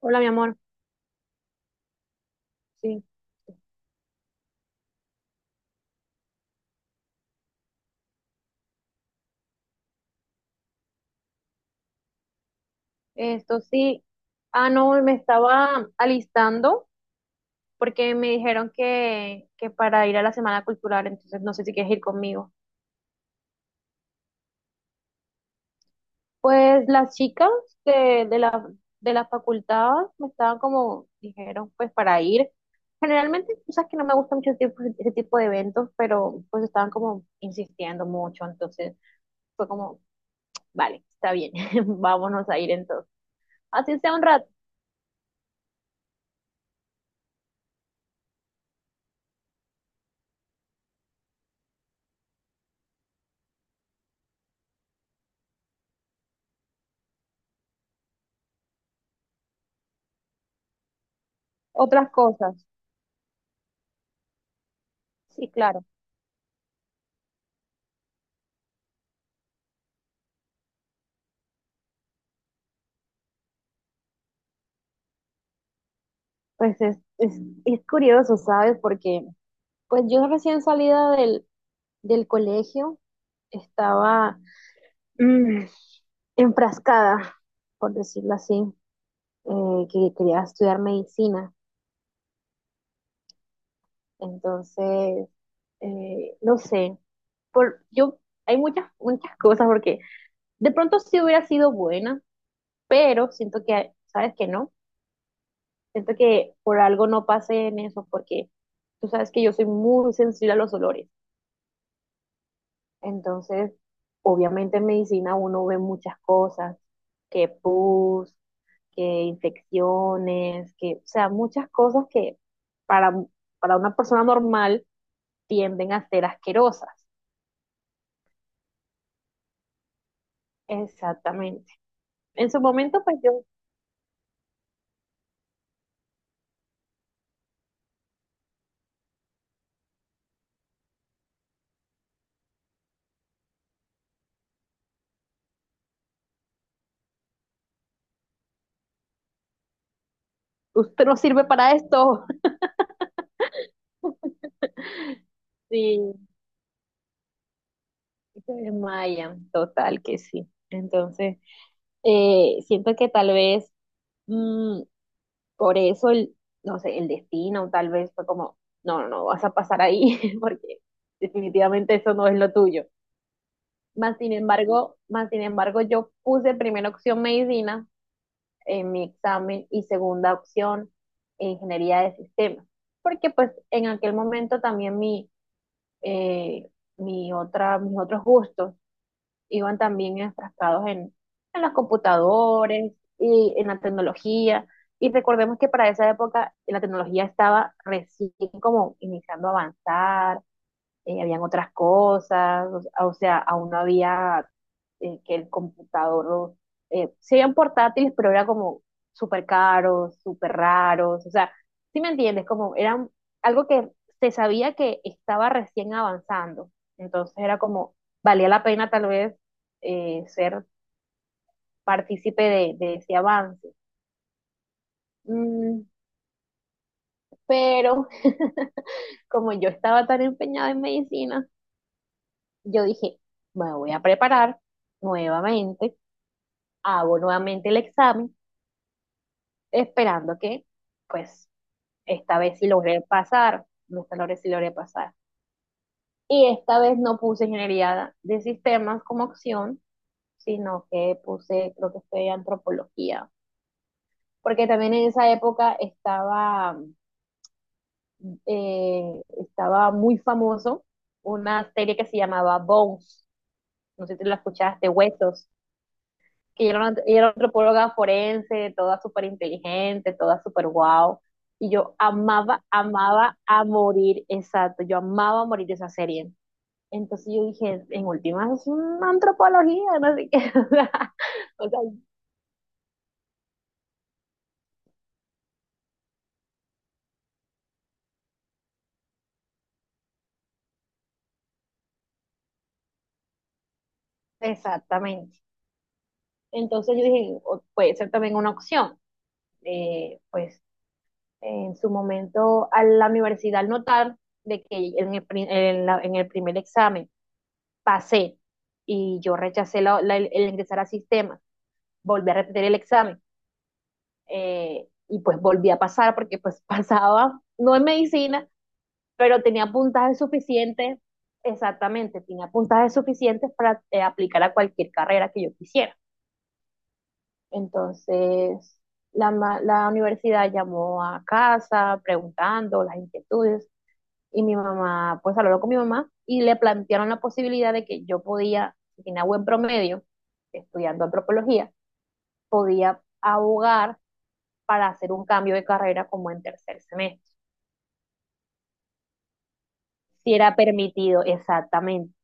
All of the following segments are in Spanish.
Hola, mi amor. Sí, esto sí. Ah, no, me estaba alistando porque me dijeron que para ir a la Semana Cultural, entonces no sé si quieres ir conmigo. Pues las chicas de, de la, de la facultad me estaban como, dijeron, pues para ir. Generalmente, tú sabes que no me gusta mucho ese tipo de eventos, pero pues estaban como insistiendo mucho, entonces fue como, vale, está bien, vámonos a ir entonces. Así sea un rato, otras cosas. Sí, claro. Pues es curioso, ¿sabes? Porque pues yo recién salida del colegio estaba mm, enfrascada, por decirlo así, que quería estudiar medicina. Entonces, no sé, por, yo, hay muchas cosas porque de pronto sí hubiera sido buena, pero siento que, ¿sabes que no? Siento que por algo no pasé en eso porque tú sabes que yo soy muy sensible a los olores. Entonces, obviamente en medicina uno ve muchas cosas, que pus, que infecciones, que, o sea, muchas cosas que para, para una persona normal tienden a ser asquerosas. Exactamente. En su momento, pues yo, usted no sirve para esto. Sí, se desmayan, total que sí. Entonces, siento que tal vez mm, por eso el, no sé, el destino tal vez fue como, no, no, no, vas a pasar ahí porque definitivamente eso no es lo tuyo. Más sin embargo, yo puse primera opción medicina en mi examen y segunda opción ingeniería de sistemas, porque pues en aquel momento también eh, mis otros gustos iban también enfrascados en los computadores y en la tecnología. Y recordemos que para esa época la tecnología estaba recién como iniciando a avanzar, habían otras cosas, o sea, aún no había que el computador, o- sí habían portátiles, pero era como súper caros, súper raros, o sea, ¿sí me entiendes? Como era algo que se sabía que estaba recién avanzando, entonces era como, valía la pena tal vez ser partícipe de ese avance. Mm, pero como yo estaba tan empeñada en medicina, yo dije, me voy a preparar nuevamente, hago nuevamente el examen, esperando que, pues, esta vez sí logré pasar, no esta vez sí logré pasar. Y esta vez no puse ingeniería de sistemas como opción, sino que puse, creo que fue antropología, porque también en esa época estaba, estaba muy famoso una serie que se llamaba Bones, no sé si la escuchaste, Huesos. Que ella era, ella era antropóloga forense, toda súper inteligente, toda súper wow. Y yo amaba, amaba a morir, exacto, yo amaba a morir esa serie. Entonces yo dije, en últimas es una antropología, no sé qué. O sea, exactamente. Entonces yo dije, o- puede ser también una opción. Pues en su momento a la universidad al notar de que en el, pri- en la- en el primer examen pasé y yo rechacé el ingresar al sistema, volví a repetir el examen y pues volví a pasar porque pues pasaba, no en medicina, pero tenía puntajes suficientes, exactamente, tenía puntajes suficientes para aplicar a cualquier carrera que yo quisiera. Entonces, la universidad llamó a casa preguntando las inquietudes. Y mi mamá, pues habló con mi mamá y le plantearon la posibilidad de que yo podía, si tenía buen promedio, estudiando antropología, podía abogar para hacer un cambio de carrera como en tercer semestre, si era permitido exactamente,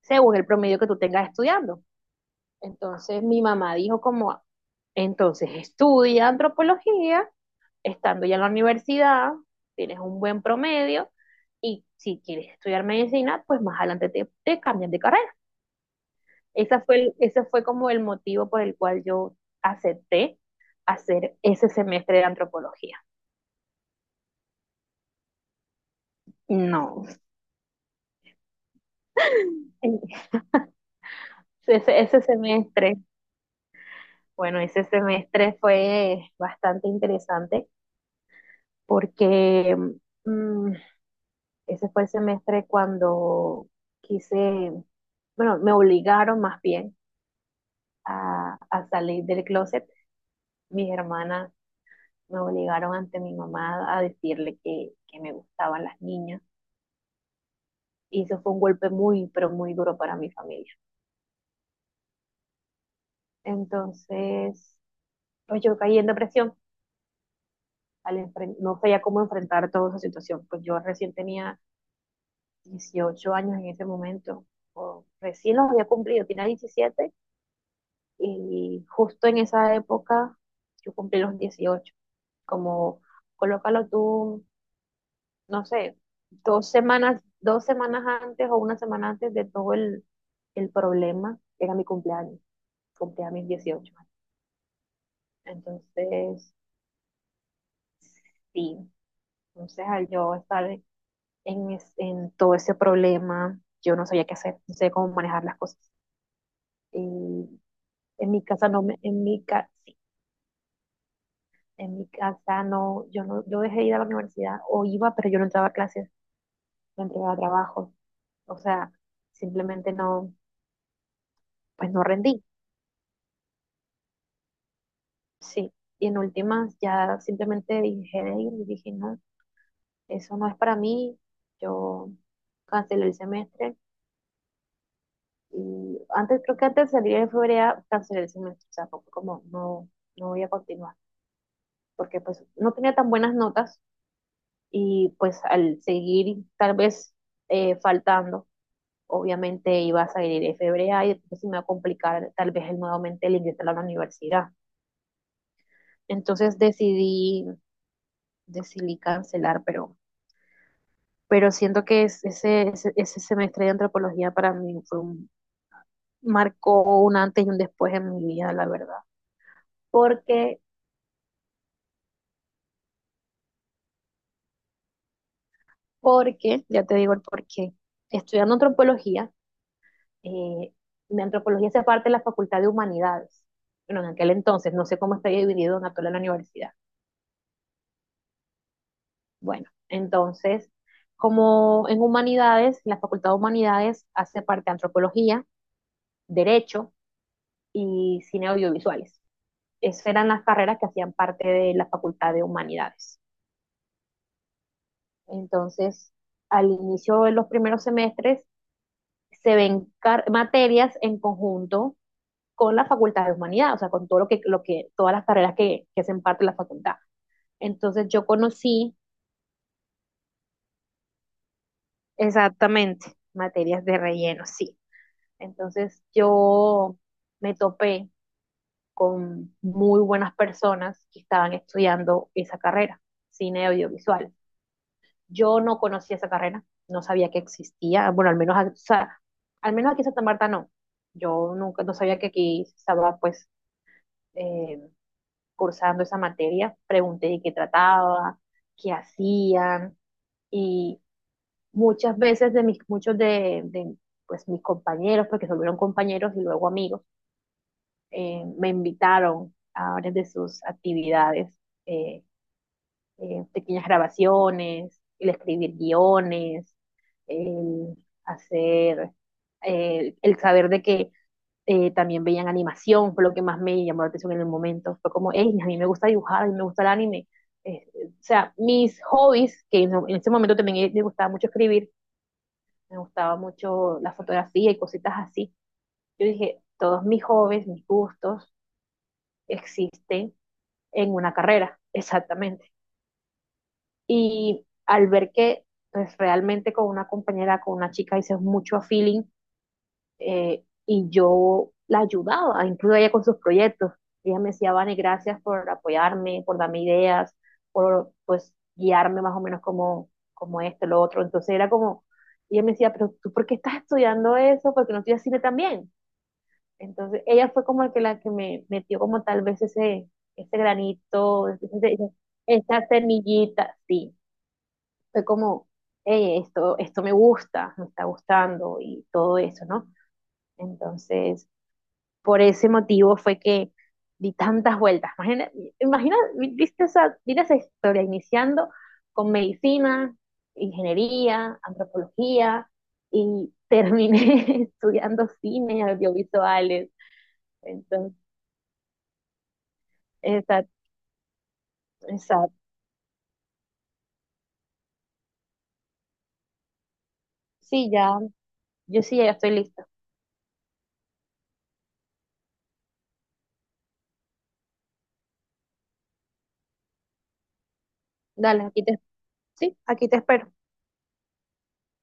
según el promedio que tú tengas estudiando. Entonces mi mamá dijo como, entonces estudia antropología, estando ya en la universidad, tienes un buen promedio y si quieres estudiar medicina, pues más adelante te, te cambian de carrera. Esa fue ese fue como el motivo por el cual yo acepté hacer ese semestre de antropología. No, ese semestre, bueno, ese semestre fue bastante interesante porque mm, ese fue el semestre cuando quise, bueno, me obligaron más bien a salir del closet. Mis hermanas me obligaron ante mi mamá a decirle que me gustaban las niñas. Y eso fue un golpe muy, pero muy duro para mi familia. Entonces, pues yo caí en depresión. Al enfren- no sabía cómo enfrentar toda esa situación. Pues yo recién tenía 18 años en ese momento, o recién los había cumplido, tenía 17 y justo en esa época yo cumplí los 18. Como colócalo tú, no sé, 2 semanas antes o 1 semana antes de el problema, era mi cumpleaños, cumplía mis 18. Entonces, sí, entonces al yo estar en, es- en todo ese problema, yo no sabía qué hacer, no sabía cómo manejar las cosas. Y en mi casa no me, en mi casa, sí en mi casa no, yo no, yo dejé de ir a la universidad, o iba, pero yo no entraba a clases, no entregaba trabajo, o sea, simplemente no, pues no rendí, sí. Y en últimas ya simplemente dije de ir y dije, no, eso no es para mí, yo cancelé el semestre. Y antes, creo que antes de salir en febrero cancelé el semestre, o sea, fue como no, no voy a continuar, porque pues no tenía tan buenas notas y pues al seguir tal vez faltando, obviamente iba a salir en febrero y entonces me iba a complicar tal vez el nuevamente el ingresar a la universidad. Entonces decidí, decidí cancelar, pero siento que ese semestre de antropología para mí fue un, marcó un antes y un después en mi vida, la verdad. Porque Porque, ya te digo el porqué, estudiando antropología, eh, mi antropología hace parte de la Facultad de Humanidades. Bueno, en aquel entonces, no sé cómo está dividido en actual en la universidad. Bueno, entonces, como en Humanidades, la Facultad de Humanidades hace parte de Antropología, Derecho y Cine Audiovisuales. Esas eran las carreras que hacían parte de la Facultad de Humanidades. Entonces, al inicio de los primeros semestres, se ven materias en conjunto con la Facultad de Humanidad, o sea, con todo lo que, todas las carreras que hacen parte de la facultad. Entonces yo conocí exactamente materias de relleno, sí. Entonces yo me topé con muy buenas personas que estaban estudiando esa carrera, cine audiovisual. Yo no conocía esa carrera, no sabía que existía, bueno, al menos, o sea, al menos aquí en Santa Marta no. Yo nunca, no sabía que aquí estaba, pues, eh, cursando esa materia, pregunté de qué trataba, qué hacían y muchas veces de mis, pues, mis compañeros, porque se volvieron compañeros y luego amigos, me invitaron a varias de sus actividades, eh, pequeñas grabaciones, el escribir guiones, el hacer, el saber de que también veían animación, fue lo que más me llamó la atención en el momento. Fue como, hey, a mí me gusta dibujar, a mí me gusta el anime. O sea, mis hobbies, que en ese momento también me gustaba mucho escribir, me gustaba mucho la fotografía y cositas así. Yo dije, todos mis hobbies, mis gustos existen en una carrera, exactamente. Y al ver que pues realmente con una compañera, con una chica hice mucho a feeling, y yo la ayudaba, incluso ella con sus proyectos. Ella me decía, Vane, gracias por apoyarme, por darme ideas, por pues guiarme más o menos como, como esto, lo otro. Entonces era como, ella me decía, pero tú, ¿por qué estás estudiando eso? ¿Por qué no estudias cine también? Entonces ella fue como la que me metió como tal vez ese, ese granito, ese- esa semillita, sí. Fue como, "Ey, esto me gusta, me está gustando y todo eso, ¿no?" Entonces por ese motivo fue que di tantas vueltas. Imagina, imagina viste esa, mira esa historia, iniciando con medicina, ingeniería, antropología, y terminé estudiando cine, audiovisuales. Entonces, exacto, exacto. Sí, ya, yo sí, ya estoy lista. Dale, aquí te, sí, aquí te espero.